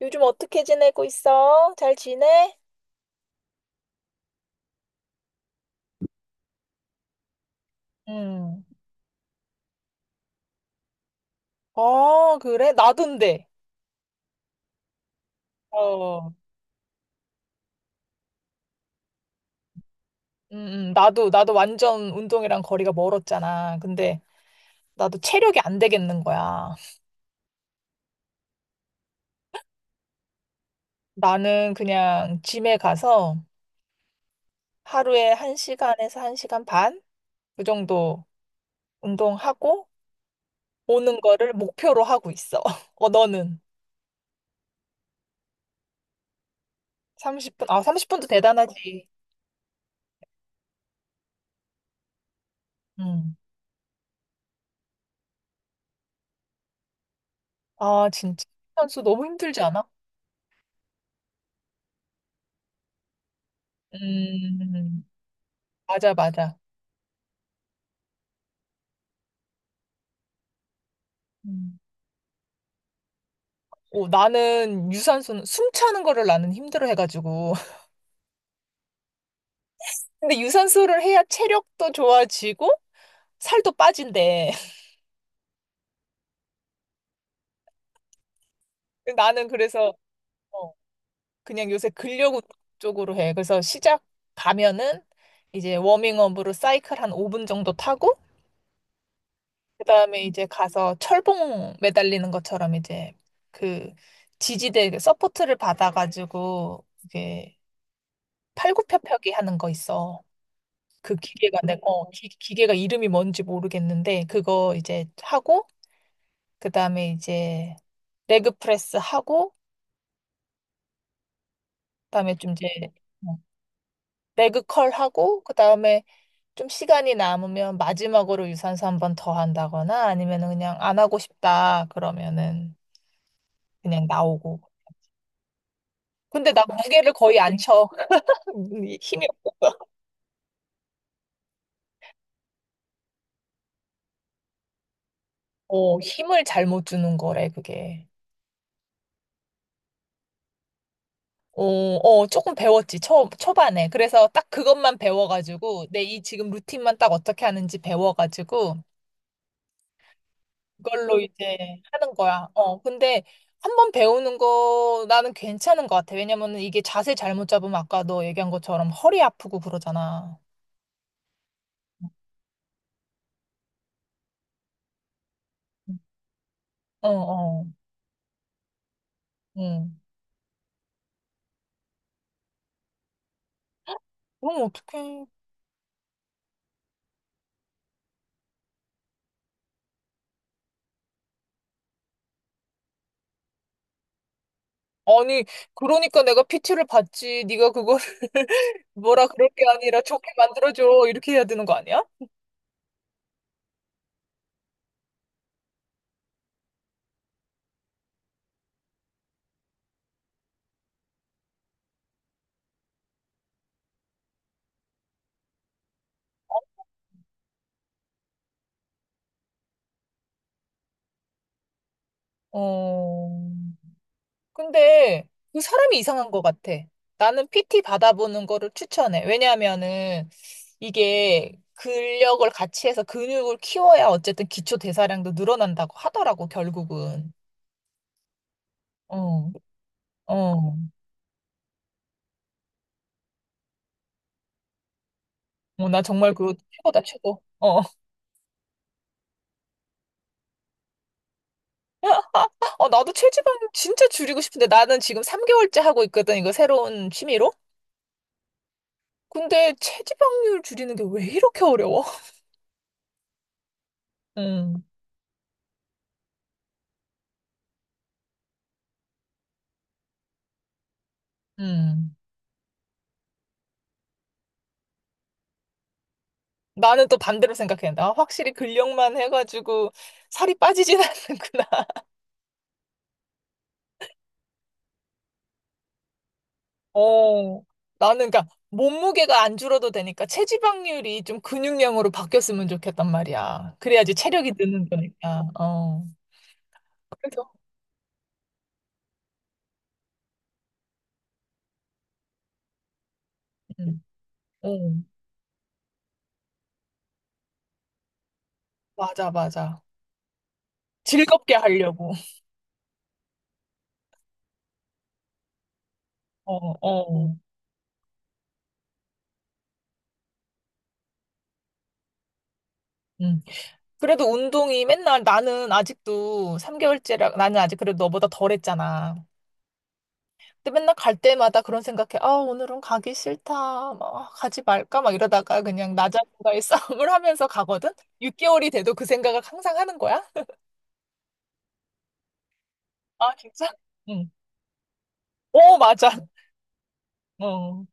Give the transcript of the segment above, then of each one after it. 요즘 어떻게 지내고 있어? 잘 지내? 음. 아, 그래? 나도인데. 어. 음, 나도 완전 운동이랑 거리가 멀었잖아. 근데 나도 체력이 안 되겠는 거야. 나는 그냥 짐에 가서 하루에 1시간에서 1시간 반? 그 정도 운동하고 오는 거를 목표로 하고 있어. 어, 너는? 30분? 아, 30분도 대단하지. 음. 아, 진짜. 선수 너무 힘들지 않아? 음, 맞아, 맞아. 음. 어, 나는 유산소는 숨 차는 거를 나는 힘들어 해가지고. 근데 유산소를 해야 체력도 좋아지고 살도 빠진대. 나는 그래서 어, 그냥 요새 근력 운동 쪽으로 해. 그래서 시작 가면은 이제 워밍업으로 사이클 한 5분 정도 타고 그다음에 이제 가서 철봉 매달리는 것처럼 이제 그 지지대 그 서포트를 받아가지고 이게 팔굽혀펴기 하는 거 있어. 그 기계가 내, 어, 기계가 이름이 뭔지 모르겠는데 그거 이제 하고 그다음에 이제 레그 프레스 하고 그다음에 좀 이제 어, 레그 컬 하고 그다음에 좀 시간이 남으면 마지막으로 유산소 한 번 더 한다거나 아니면은 그냥 안 하고 싶다 그러면은 그냥 나오고. 근데 나 무게를 거의 안 쳐. 힘이 없어서. 어, 힘을 잘못 주는 거래, 그게. 어, 어, 조금 배웠지, 초반에. 그래서 딱 그것만 배워가지고, 내 이 지금 루틴만 딱 어떻게 하는지 배워가지고, 그걸로 이제 하는 거야. 어, 근데 한번 배우는 거 나는 괜찮은 것 같아. 왜냐면은 이게 자세 잘못 잡으면 아까 너 얘기한 것처럼 허리 아프고 그러잖아. 어, 어, 응. 그럼 어떡해. 아니, 그러니까 내가 PT를 받지. 네가 그거를 뭐라 그럴 게 아니라 좋게 만들어줘. 이렇게 해야 되는 거 아니야? 어, 근데 그 사람이 이상한 것 같아. 나는 PT 받아보는 거를 추천해. 왜냐하면은 이게 근력을 같이 해서 근육을 키워야 어쨌든 기초 대사량도 늘어난다고 하더라고, 결국은. 어, 어. 어, 나 정말 그거 최고다, 최고. 어. 어, 나도 체지방 진짜 줄이고 싶은데 나는 지금 3개월째 하고 있거든, 이거 새로운 취미로. 근데 체지방률 줄이는 게 왜 이렇게 어려워? 음, 음. 나는 또 반대로 생각해. 나 확실히 근력만 해가지고 살이 빠지진 않는구나. 어, 나는 그러니까 몸무게가 안 줄어도 되니까 체지방률이 좀 근육량으로 바뀌었으면 좋겠단 말이야. 그래야지 체력이 느는 거니까. 어. 그래서, 음, 어. 맞아, 맞아. 즐겁게 하려고. 어, 어. 음. 그래도 운동이 맨날 나는 아직도 3개월째라 나는 아직 그래도 너보다 덜 했잖아. 근데 맨날 갈 때마다 그런 생각해. 아, 오늘은 가기 싫다. 막, 아, 가지 말까? 막 이러다가 그냥 나 자신과의 싸움을 하면서 가거든? 6개월이 돼도 그 생각을 항상 하는 거야? 아, 진짜? 응. 오, 맞아. 어.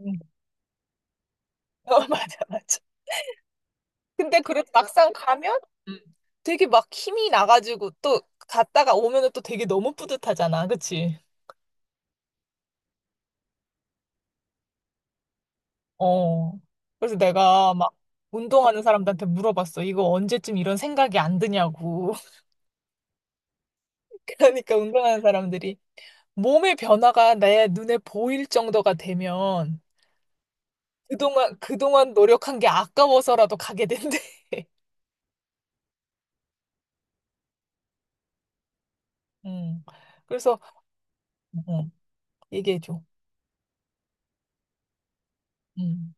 응. 어, 맞아, 맞아. 근데 그래도 막상 가면 음. 되게 막 힘이 나가지고 또 갔다가 오면은 또 되게 너무 뿌듯하잖아. 그치? 어. 그래서 내가 막 운동하는 사람들한테 물어봤어. 이거 언제쯤 이런 생각이 안 드냐고. 그러니까 운동하는 사람들이 몸의 변화가 내 눈에 보일 정도가 되면 그동안 노력한 게 아까워서라도 가게 된대. 음. 그래서, 어, 얘기해줘. 음.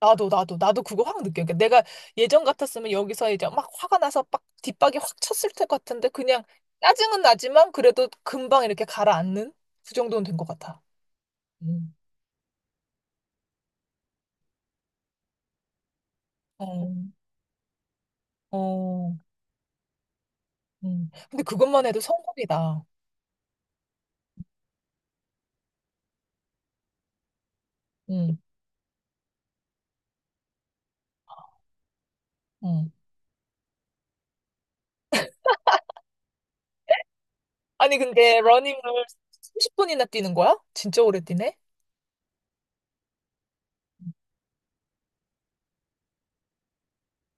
나도 그거 확 느껴. 그러니까 내가 예전 같았으면 여기서 이제 막 화가 나서 빡 뒷박이 확 쳤을 것 같은데 그냥 짜증은 나지만 그래도 금방 이렇게 가라앉는 그 정도는 된 것 같아. 음, 어, 어, 근데 그것만 해도 성공이다. 음, 음. 아니, 근데 러닝을 30분이나 뛰는 거야? 진짜 오래 뛰네?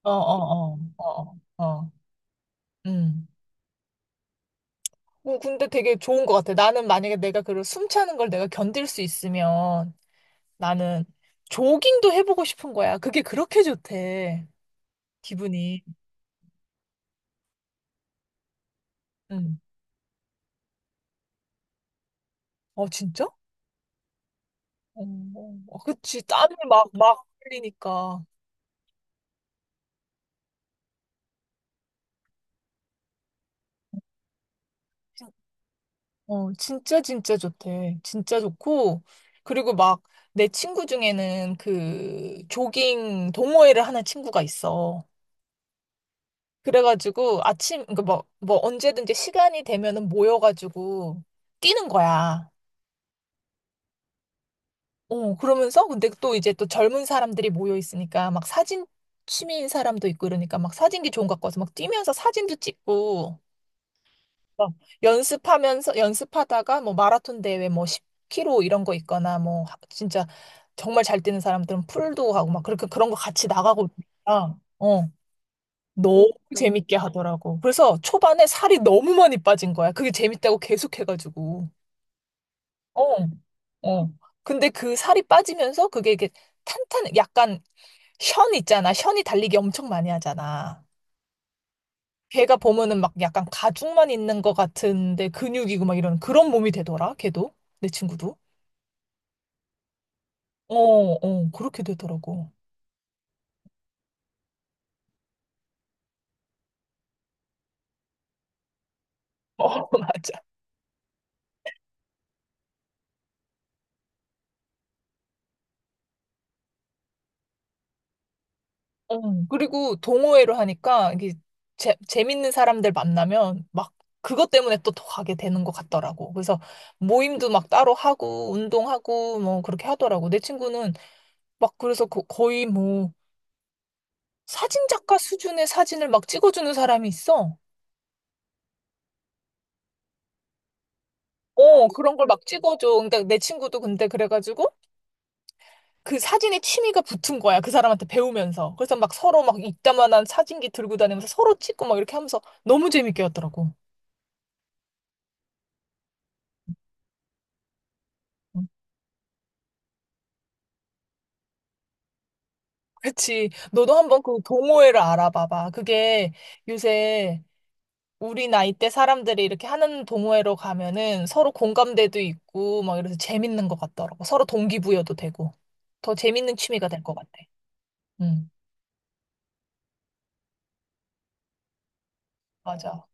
어, 어, 어, 어, 어. 어. 음. 어, 근데 되게 좋은 것 같아. 나는 만약에 내가 그런 숨 차는 걸 내가 견딜 수 있으면 나는 조깅도 해보고 싶은 거야. 그게 그렇게 좋대. 기분이. 음. 어, 진짜? 어, 어. 어, 그치. 땀이 막, 막 흘리니까. 어, 진짜 진짜 좋대. 진짜 좋고 그리고 막 내 친구 중에는 그 조깅 동호회를 하는 친구가 있어. 그래가지고 아침 그뭐뭐 언제든지 시간이 되면은 모여가지고 뛰는 거야. 어, 그러면서 근데 또 이제 또 젊은 사람들이 모여 있으니까 막 사진 취미인 사람도 있고 이러니까 막 사진기 좋은 거 갖고 와서 막 뛰면서 사진도 찍고 어, 연습하면서 연습하다가 뭐 마라톤 대회 뭐 10km 이런 거 있거나 뭐 진짜 정말 잘 뛰는 사람들은 풀도 하고 막 그렇게 그런 거 같이 나가고 있으니까 어 너무 재밌게 하더라고. 그래서 초반에 살이 너무 많이 빠진 거야. 그게 재밌다고 계속 해가지고. 어, 어. 근데 그 살이 빠지면서 그게 이게 탄탄 약간 션 있잖아. 션이 달리기 엄청 많이 하잖아. 걔가 보면은 막 약간 가죽만 있는 것 같은데 근육이고 막 이런 그런 몸이 되더라, 걔도. 내 친구도. 어, 어, 그렇게 되더라고. 어, 맞아. 어. 그리고 동호회로 하니까 이게 재밌는 사람들 만나면 막 그것 때문에 또 더 가게 되는 것 같더라고. 그래서 모임도 막 따로 하고 운동하고 뭐 그렇게 하더라고. 내 친구는 막 그래서 거의 뭐 사진작가 수준의 사진을 막 찍어주는 사람이 있어. 어, 그런 걸 막 찍어줘. 근데 내 친구도 근데 그래가지고 그 사진에 취미가 붙은 거야. 그 사람한테 배우면서. 그래서 막 서로 막 이따만한 사진기 들고 다니면서 서로 찍고 막 이렇게 하면서 너무 재밌게 했더라고. 응. 그치. 너도 한번 그 동호회를 알아봐봐. 그게 요새 우리 나이 대 사람들이 이렇게 하는 동호회로 가면은 서로 공감대도 있고 막 이래서 재밌는 것 같더라고. 서로 동기부여도 되고. 더 재밌는 취미가 될 것 같아. 응, 맞아.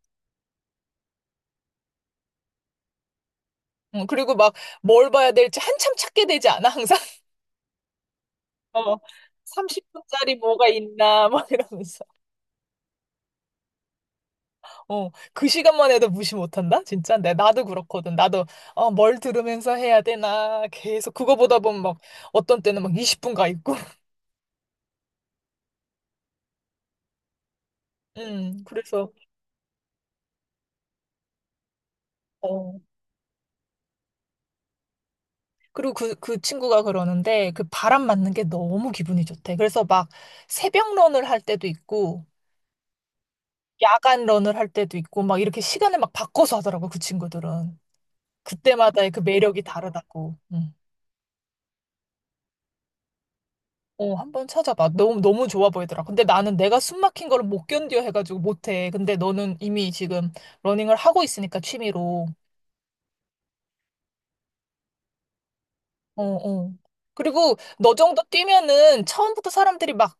응, 그리고 막 뭘 봐야 될지 한참 찾게 되지 않아? 항상? 어, 30분짜리 뭐가 있나, 막 이러면서. 어, 그 시간만 해도 무시 못한다? 진짜? 내, 나도 그렇거든. 나도, 어, 뭘 들으면서 해야 되나. 계속 그거 보다 보면 막, 어떤 때는 막 20분 가 있고. 그래서, 어. 그리고 그, 그 친구가 그러는데, 그 바람 맞는 게 너무 기분이 좋대. 그래서 막, 새벽 런을 할 때도 있고, 야간 런을 할 때도 있고, 막 이렇게 시간을 막 바꿔서 하더라고, 그 친구들은. 그때마다의 그 매력이 다르다고. 음. 어, 한번 찾아봐. 너무, 너무 좋아 보이더라. 근데 나는 내가 숨 막힌 걸 못 견뎌 해가지고 못해. 근데 너는 이미 지금 러닝을 하고 있으니까 취미로. 어, 어. 그리고 너 정도 뛰면은 처음부터 사람들이 막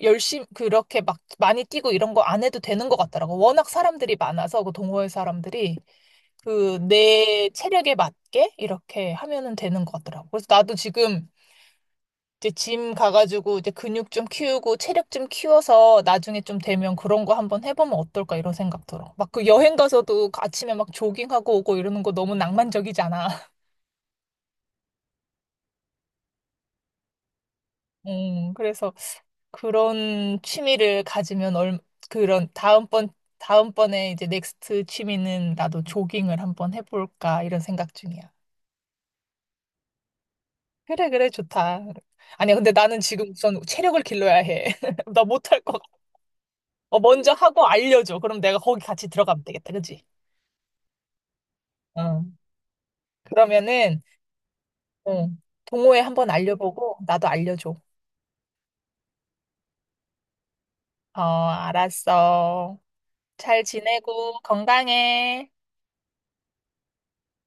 열심히 그렇게 막 많이 뛰고 이런 거 안 해도 되는 것 같더라고. 워낙 사람들이 많아서 그 동호회 사람들이 그 내 체력에 맞게 이렇게 하면은 되는 것 같더라고. 그래서 나도 지금 이제 짐 가가지고 이제 근육 좀 키우고 체력 좀 키워서 나중에 좀 되면 그런 거 한번 해보면 어떨까 이런 생각 들어. 막 그 여행 가서도 아침에 막 조깅하고 오고 이러는 거 너무 낭만적이잖아. 그래서 그런 취미를 가지면 얼, 그런 다음번, 다음번에 이제 넥스트 취미는 나도 조깅을 한번 해볼까 이런 생각 중이야. 그래, 그래, 좋다. 아니야, 근데 나는 지금 우선 체력을 길러야 해. 나 못할 것 어, 먼저 하고 알려줘. 그럼 내가 거기 같이 들어가면 되겠다, 그치? 어. 그러면은, 어, 동호회 한번 알려보고, 나도 알려줘. 어, 알았어. 잘 지내고, 건강해.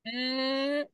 음.